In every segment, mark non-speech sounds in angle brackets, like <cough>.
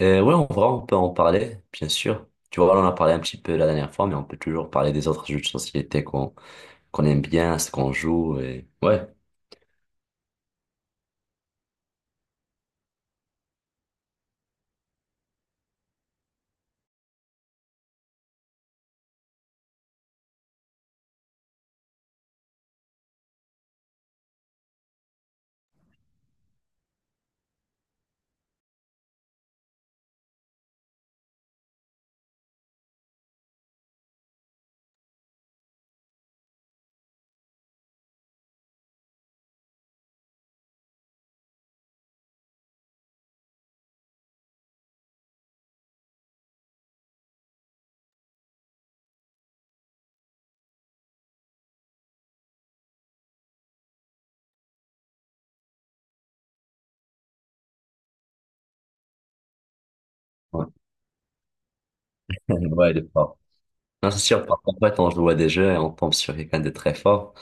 Ouais, on va, on peut en parler, bien sûr. Tu vois, on en a parlé un petit peu la dernière fois, mais on peut toujours parler des autres jeux de société qu'on aime bien, ce qu'on joue et ouais. Ouais, <laughs> ouais, il est fort. Non, c'est sûr, par contre, en fait, on joue à des jeux et on tombe sur quelqu'un de très fort.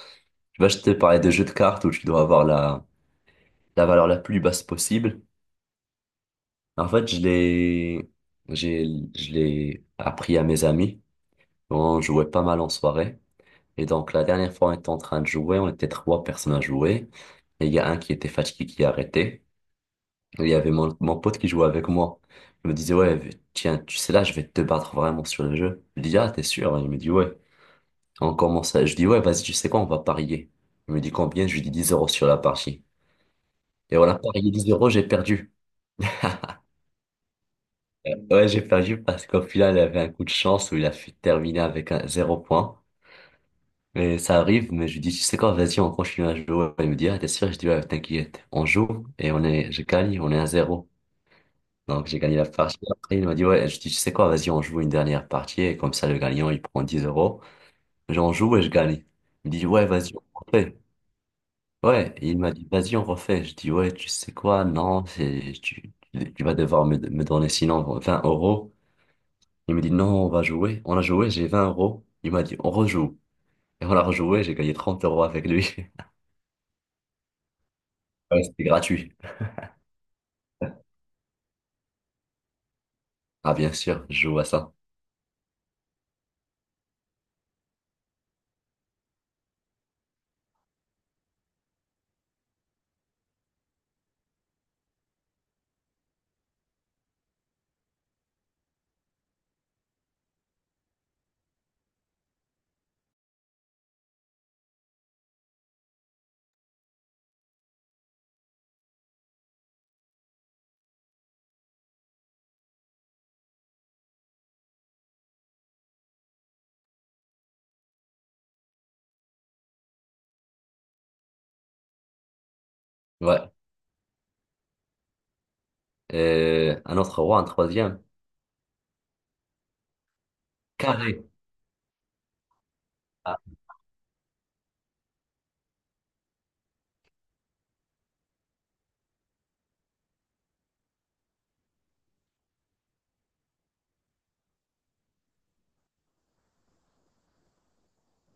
Tu vois, je te parlais de jeux de cartes où tu dois avoir la valeur la plus basse possible. En fait, j'ai, je l'ai appris à mes amis. On jouait pas mal en soirée. Et donc, la dernière fois, on était en train de jouer, on était trois personnes à jouer. Et il y a un qui était fatigué qui a arrêté. Et il y avait mon pote qui jouait avec moi. Il me disait, ouais, tiens, tu sais là, je vais te battre vraiment sur le jeu. Je lui dis, ah, t'es sûr? Il me dit, ouais. On commence à... Je dis, ouais, vas-y, tu sais quoi, on va parier. Il me dit combien? Je lui dis 10 euros sur la partie. Et on a parié 10 euros, j'ai perdu. Ouais, j'ai perdu parce qu'au final, il avait un coup de chance où il a fait terminer avec un zéro point. Et ça arrive, mais je lui dis, tu sais quoi, vas-y, on continue à jouer. Il me dit, ah, t'es sûr? Je dis, ouais, t'inquiète, on joue et on est, je gagne, on est à zéro. Donc j'ai gagné la partie. Après, il m'a dit, ouais, je dis, tu sais quoi, vas-y, on joue une dernière partie et comme ça, le gagnant, il prend 10 euros. J'en joue et je gagne. Il dit, ouais, vas-y, on refait. Ouais, et il m'a dit, vas-y, on refait. Je dis, ouais, tu sais quoi, non, c'est, tu, tu vas devoir me donner sinon 20 euros. Il me dit, non, on va jouer. On a joué, j'ai 20 euros. Il m'a dit, on rejoue. Et on a rejoué, j'ai gagné 30 euros avec lui. <laughs> Ouais, c'était gratuit. Ah, bien sûr, je joue à ça. Ouais. Et un autre roi, un troisième. Carré. Ah,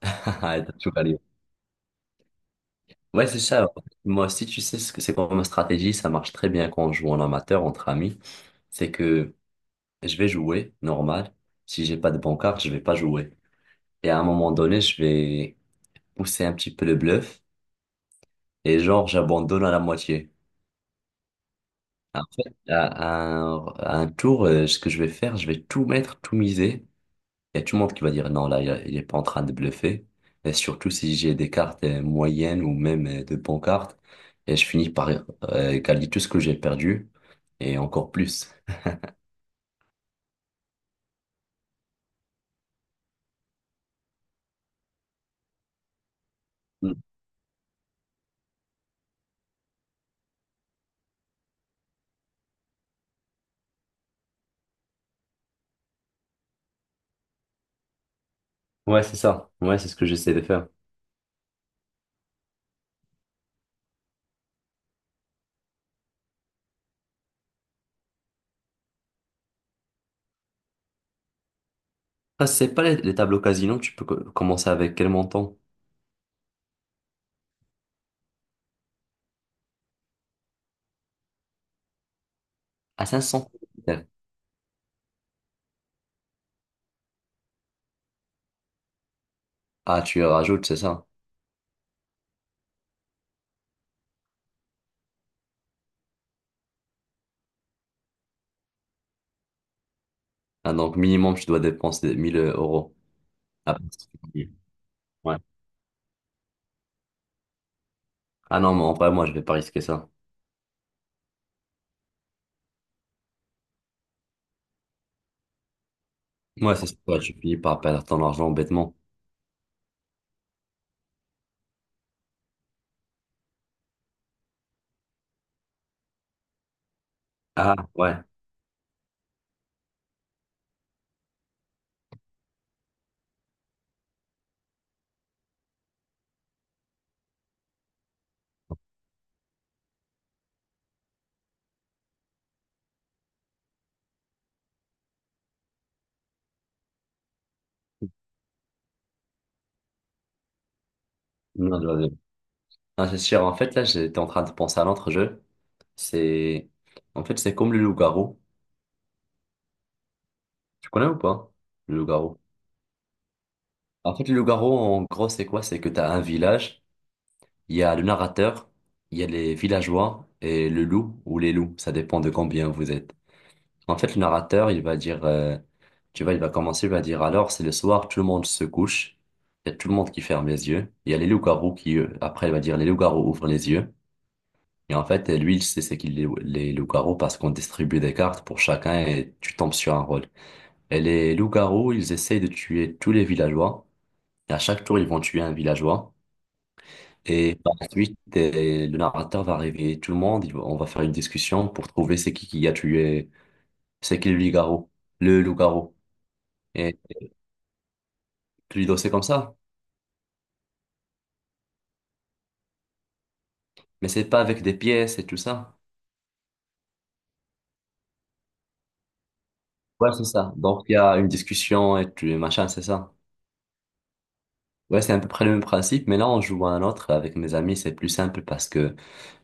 <laughs> t'as tout gagné. Ouais, c'est ça. Moi aussi, tu sais ce que c'est comme stratégie, ça marche très bien quand on joue en amateur entre amis. C'est que je vais jouer normal. Si j'ai pas de bon carte, je vais pas jouer. Et à un moment donné, je vais pousser un petit peu le bluff et genre j'abandonne à la moitié. En fait, à un tour, ce que je vais faire, je vais tout mettre, tout miser. Il y a tout le monde qui va dire non, là, il est pas en train de bluffer. Et surtout si j'ai des cartes moyennes ou même de bonnes cartes, et je finis par égaler tout ce que j'ai perdu et encore plus. Mm. Ouais, c'est ça. Ouais, c'est ce que j'essaie de faire. Ah, c'est pas les, les tableaux casino, tu peux commencer avec quel montant? À 500. Ah, tu rajoutes, c'est ça. Ah, donc minimum, tu dois dépenser 1000 euros. Ah, que- ouais. Ah non, mais en vrai, moi, je vais pas risquer ça. Ouais, c'est ça. Tu finis par perdre ton argent bêtement. Ah, ouais. Non, je vois bien. Non, c'est sûr. En fait, là, j'étais en train de penser à l'autre jeu. C'est, en fait, c'est comme le loup-garou. Tu connais ou pas? Le loup-garou. En fait, le loup-garou, en gros, c'est quoi? C'est que tu as un village, il y a le narrateur, il y a les villageois et le loup ou les loups. Ça dépend de combien vous êtes. En fait, le narrateur, il va dire, tu vois, il va commencer, il va dire, alors, c'est le soir, tout le monde se couche. Il y a tout le monde qui ferme les yeux. Il y a les loups-garous qui, après, il va dire, les loups-garous ouvrent les yeux. Et en fait, lui, il sait c'est qu'il les loups-garous parce qu'on distribue des cartes pour chacun et tu tombes sur un rôle. Et les loups-garous, ils essayent de tuer tous les villageois. Et à chaque tour, ils vont tuer un villageois. Et par la suite, le narrateur va réveiller tout le monde. On va faire une discussion pour trouver c'est qui a tué, c'est qui le loup-garou, le loup-garou. Et Cluedo, c'est comme ça. Mais c'est pas avec des pièces et tout ça. Ouais, c'est ça. Donc, il y a une discussion et tu, machin, c'est ça. Ouais, c'est à peu près le même principe, mais là, on joue à un autre avec mes amis, c'est plus simple parce que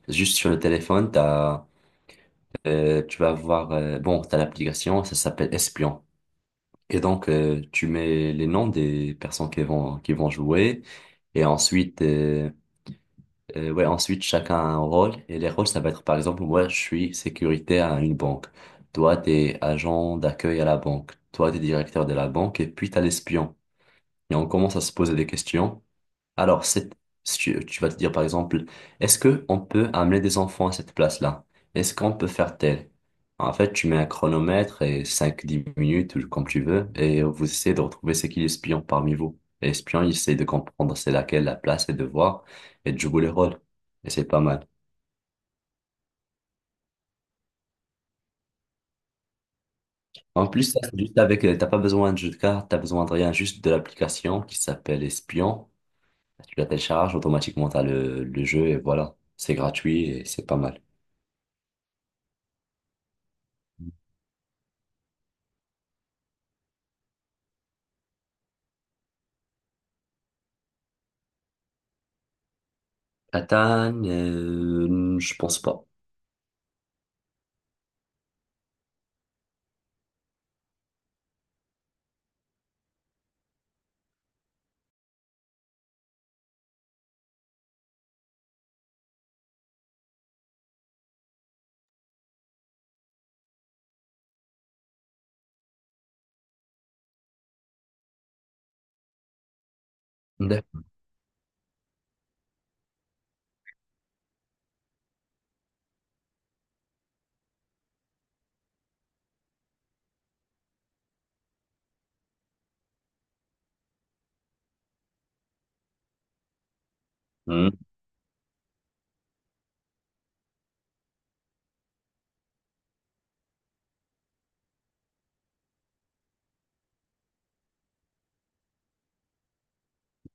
juste sur le téléphone, t'as, tu vas voir, bon, t'as l'application, ça s'appelle Espion. Et donc, tu mets les noms des personnes qui vont jouer. Et ensuite, ouais, ensuite, chacun a un rôle. Et les rôles, ça va être, par exemple, moi, je suis sécurité à une banque. Toi, t'es agent d'accueil à la banque. Toi, t'es directeur de la banque. Et puis, t'as l'espion. Et on commence à se poser des questions. Alors, c'est, si tu, tu vas te dire par exemple, est-ce que on peut amener des enfants à cette place-là? Est-ce qu'on peut faire tel? En fait, tu mets un chronomètre et 5 à 10 minutes, ou comme tu veux, et vous essayez de retrouver c'est qui l'espion parmi vous. Et l'espion, il essaie de comprendre c'est laquelle la place et de voir et de jouer les rôles. Et c'est pas mal. En plus, ça, c'est juste avec, t'as pas besoin de jeu de cartes, t'as besoin de rien, juste de l'application qui s'appelle Espion. Tu la télécharges, automatiquement t'as le jeu et voilà. C'est gratuit et c'est pas mal. Platane, je pense pas. D'accord. Hmm,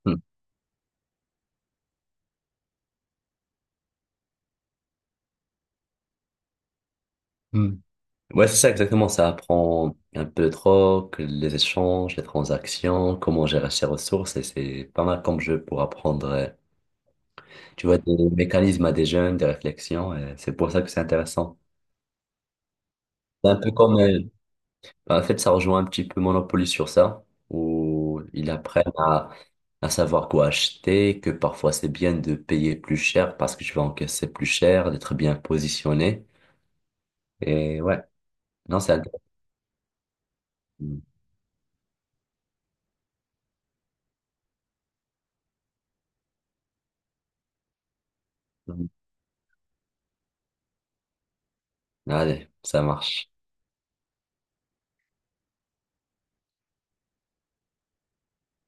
hmm, hmm. Ouais, c'est ça exactement. Ça apprend un peu de rock, les échanges, les transactions, comment gérer ses ressources. Et c'est pas mal comme jeu pour apprendre, tu vois, des mécanismes à des jeunes, des réflexions. Et c'est pour ça que c'est intéressant. C'est un peu comme, en fait, ça rejoint un petit peu Monopoly sur ça, où ils apprennent à savoir quoi acheter, que parfois c'est bien de payer plus cher parce que tu vas encaisser plus cher, d'être bien positionné. Et ouais, non, c'est intéressant. Allez, ça marche.